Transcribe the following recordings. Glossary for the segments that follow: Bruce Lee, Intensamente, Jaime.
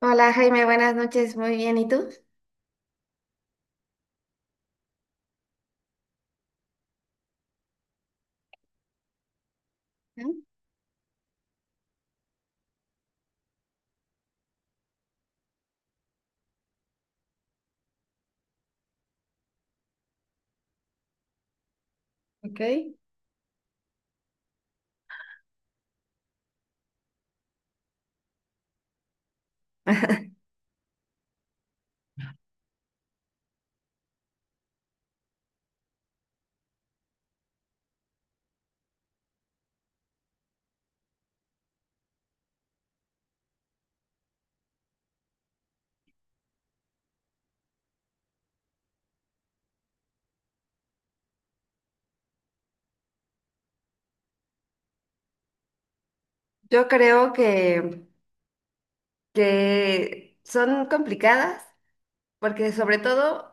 Hola Jaime, buenas noches, muy bien, ¿y tú? Ok. Yo creo que son complicadas, porque sobre todo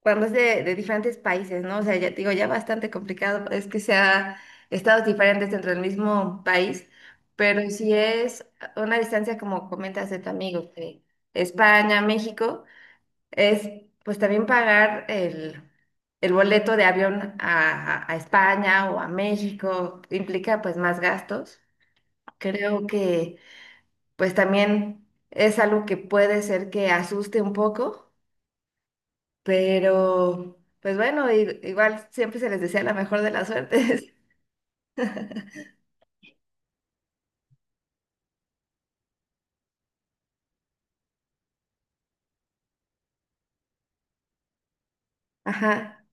cuando es de diferentes países, ¿no? O sea, ya te digo, ya bastante complicado, es que sea estados diferentes dentro del mismo país, pero si es una distancia como comentas de tu amigo, de España, México. Es pues también pagar el boleto de avión a España o a México, implica pues más gastos. Creo que pues también es algo que puede ser que asuste un poco, pero pues bueno, igual siempre se les desea la mejor de las suertes. Ajá,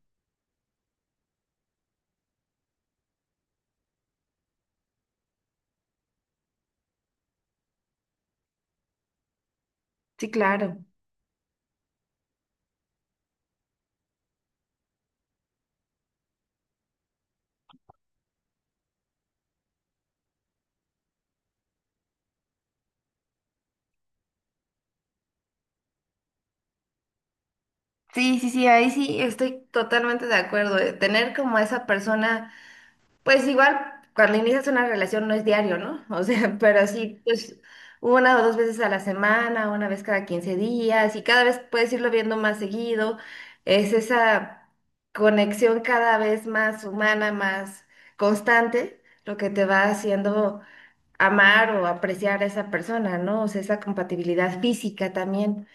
sí, claro. Sí, sí, sí, ahí sí estoy totalmente de acuerdo. Tener como a esa persona. Pues igual, cuando inicias una relación no es diario, ¿no? O sea, pero sí, pues una o dos veces a la semana, una vez cada 15 días, y cada vez puedes irlo viendo más seguido. Es esa conexión cada vez más humana, más constante, lo que te va haciendo amar o apreciar a esa persona, ¿no? O sea, esa compatibilidad física también.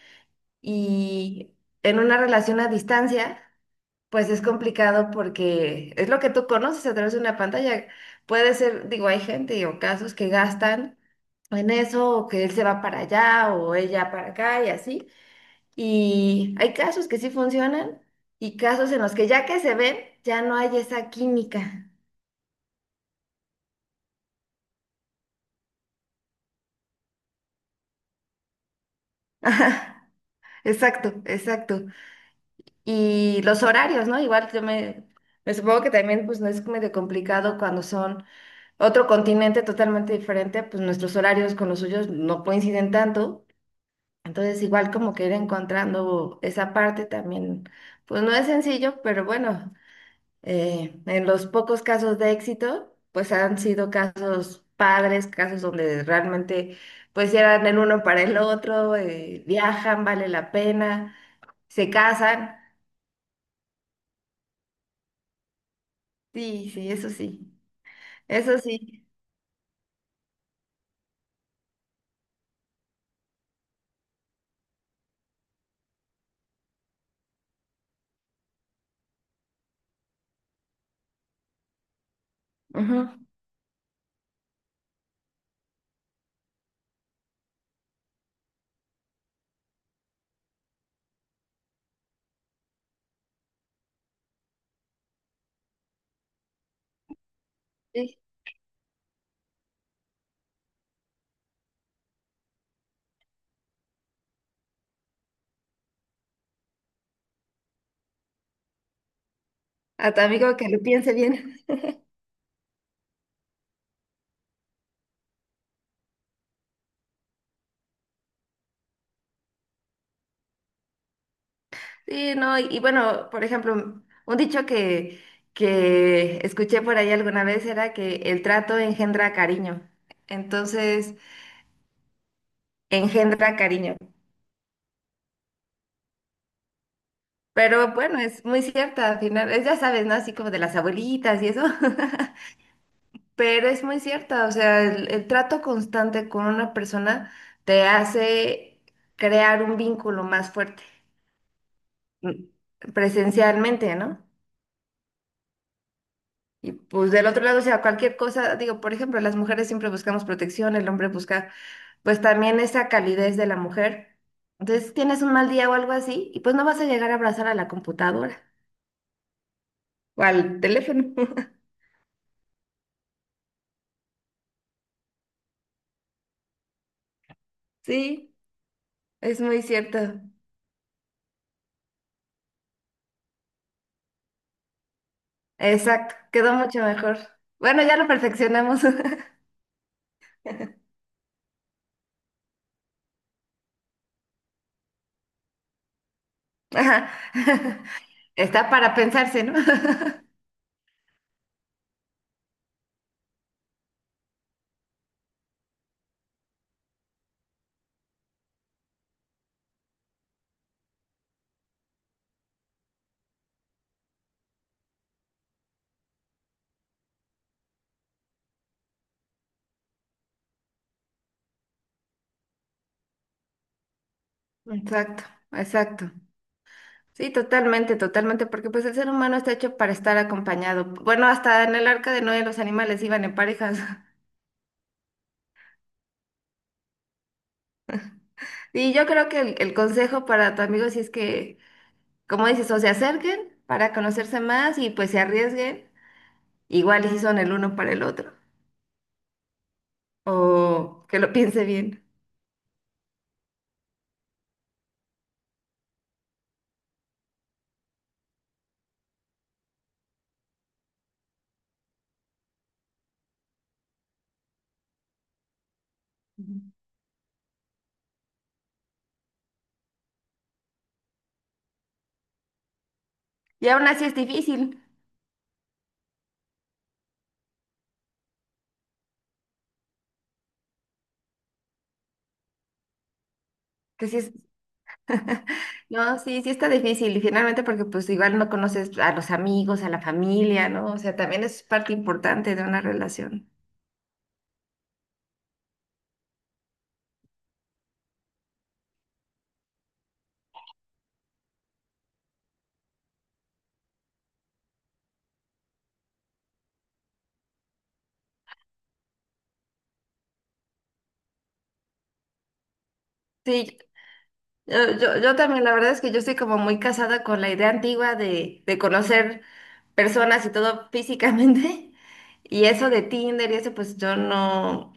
Y en una relación a distancia. Pues es complicado porque es lo que tú conoces a través de una pantalla. Puede ser, digo, hay gente o casos que gastan en eso, o que él se va para allá o ella para acá y así. Y hay casos que sí funcionan y casos en los que ya que se ven, ya no hay esa química. Ajá, exacto, exacto. Y los horarios, ¿no? Igual me supongo que también pues no es medio complicado cuando son otro continente totalmente diferente, pues nuestros horarios con los suyos no coinciden tanto. Entonces, igual como que ir encontrando esa parte también, pues no es sencillo, pero bueno, en los pocos casos de éxito, pues han sido casos padres, casos donde realmente pues sí eran el uno para el otro, viajan, vale la pena, se casan. Sí, sí, eso sí, eso sí. Ujú, sí. A tu amigo que lo piense bien. Sí, no, y bueno, por ejemplo, un dicho que escuché por ahí alguna vez era que el trato engendra cariño. Entonces, engendra cariño. Pero bueno, es muy cierta, al final, es, ya sabes, ¿no? Así como de las abuelitas y eso, pero es muy cierta, o sea, el trato constante con una persona te hace crear un vínculo más fuerte, presencialmente, ¿no? Y pues del otro lado, o sea, cualquier cosa, digo, por ejemplo, las mujeres siempre buscamos protección, el hombre busca pues también esa calidez de la mujer. Entonces tienes un mal día o algo así y pues no vas a llegar a abrazar a la computadora o al teléfono. Sí, es muy cierto. Exacto, quedó mucho mejor. Bueno, ya lo perfeccionamos. Ajá, está para pensarse, ¿no? Exacto, exacto. Sí, totalmente, totalmente, porque pues el ser humano está hecho para estar acompañado. Bueno, hasta en el arca de Noé los animales iban en parejas. Y yo creo que el consejo para tu amigo si es que, como dices, o se acerquen para conocerse más y pues se arriesguen, igual y si son el uno para el otro, o que lo piense bien. Ujú. Y aún así es difícil, que sí es, no, sí, sí está difícil y finalmente porque pues igual no conoces a los amigos, a la familia, ¿no? O sea, también es parte importante de una relación. Sí, yo también, la verdad es que yo estoy como muy casada con la idea antigua de conocer personas y todo físicamente. Y eso de Tinder y eso, pues yo no,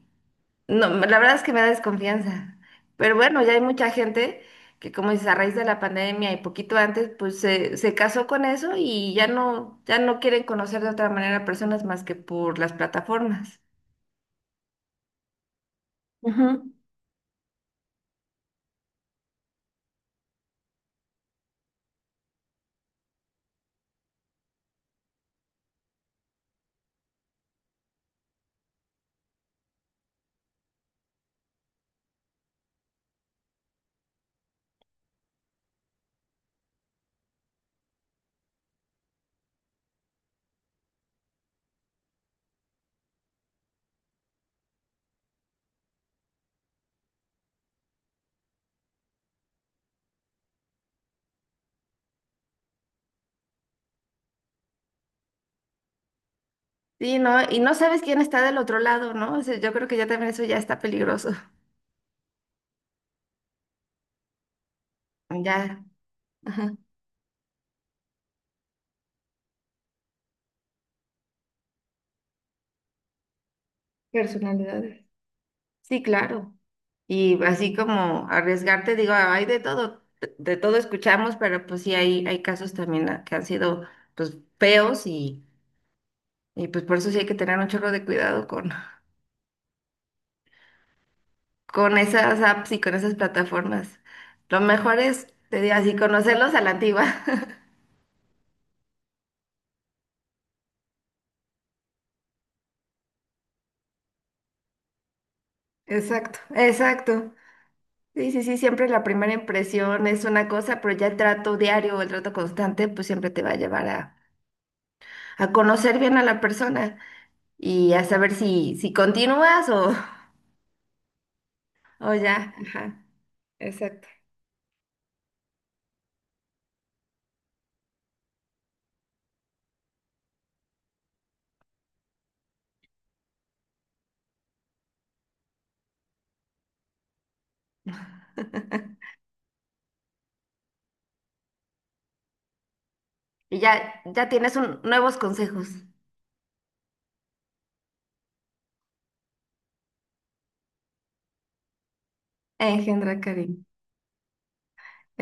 no, la verdad es que me da desconfianza. Pero bueno, ya hay mucha gente que como dices, a raíz de la pandemia y poquito antes, se casó con eso y ya no, ya no quieren conocer de otra manera a personas más que por las plataformas. Ujú. Sí, ¿no? Y no sabes quién está del otro lado, ¿no? O sea, yo creo que ya también eso ya está peligroso. Ya. Ajá, personalidades. Sí, claro. Y así como arriesgarte, digo, hay de todo escuchamos, pero pues sí hay casos también que han sido pues feos y pues por eso sí hay que tener un chorro de cuidado con esas apps y con esas plataformas. Lo mejor es, te digo así, conocerlos a la antigua. Exacto, exacto. Sí, sí, sí, siempre la primera impresión es una cosa, pero ya el trato diario, o el trato constante, pues siempre te va a llevar a conocer bien a la persona. Y a saber si continúas o, o ya. Ajá, exacto. Y ya, ya tienes nuevos consejos. Engendra cariño.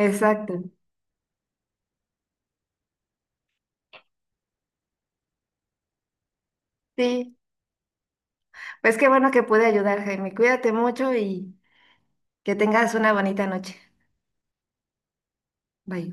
Exacto. Sí, pues qué bueno que pude ayudar, Jaime. Cuídate mucho y que tengas una bonita noche. Bye.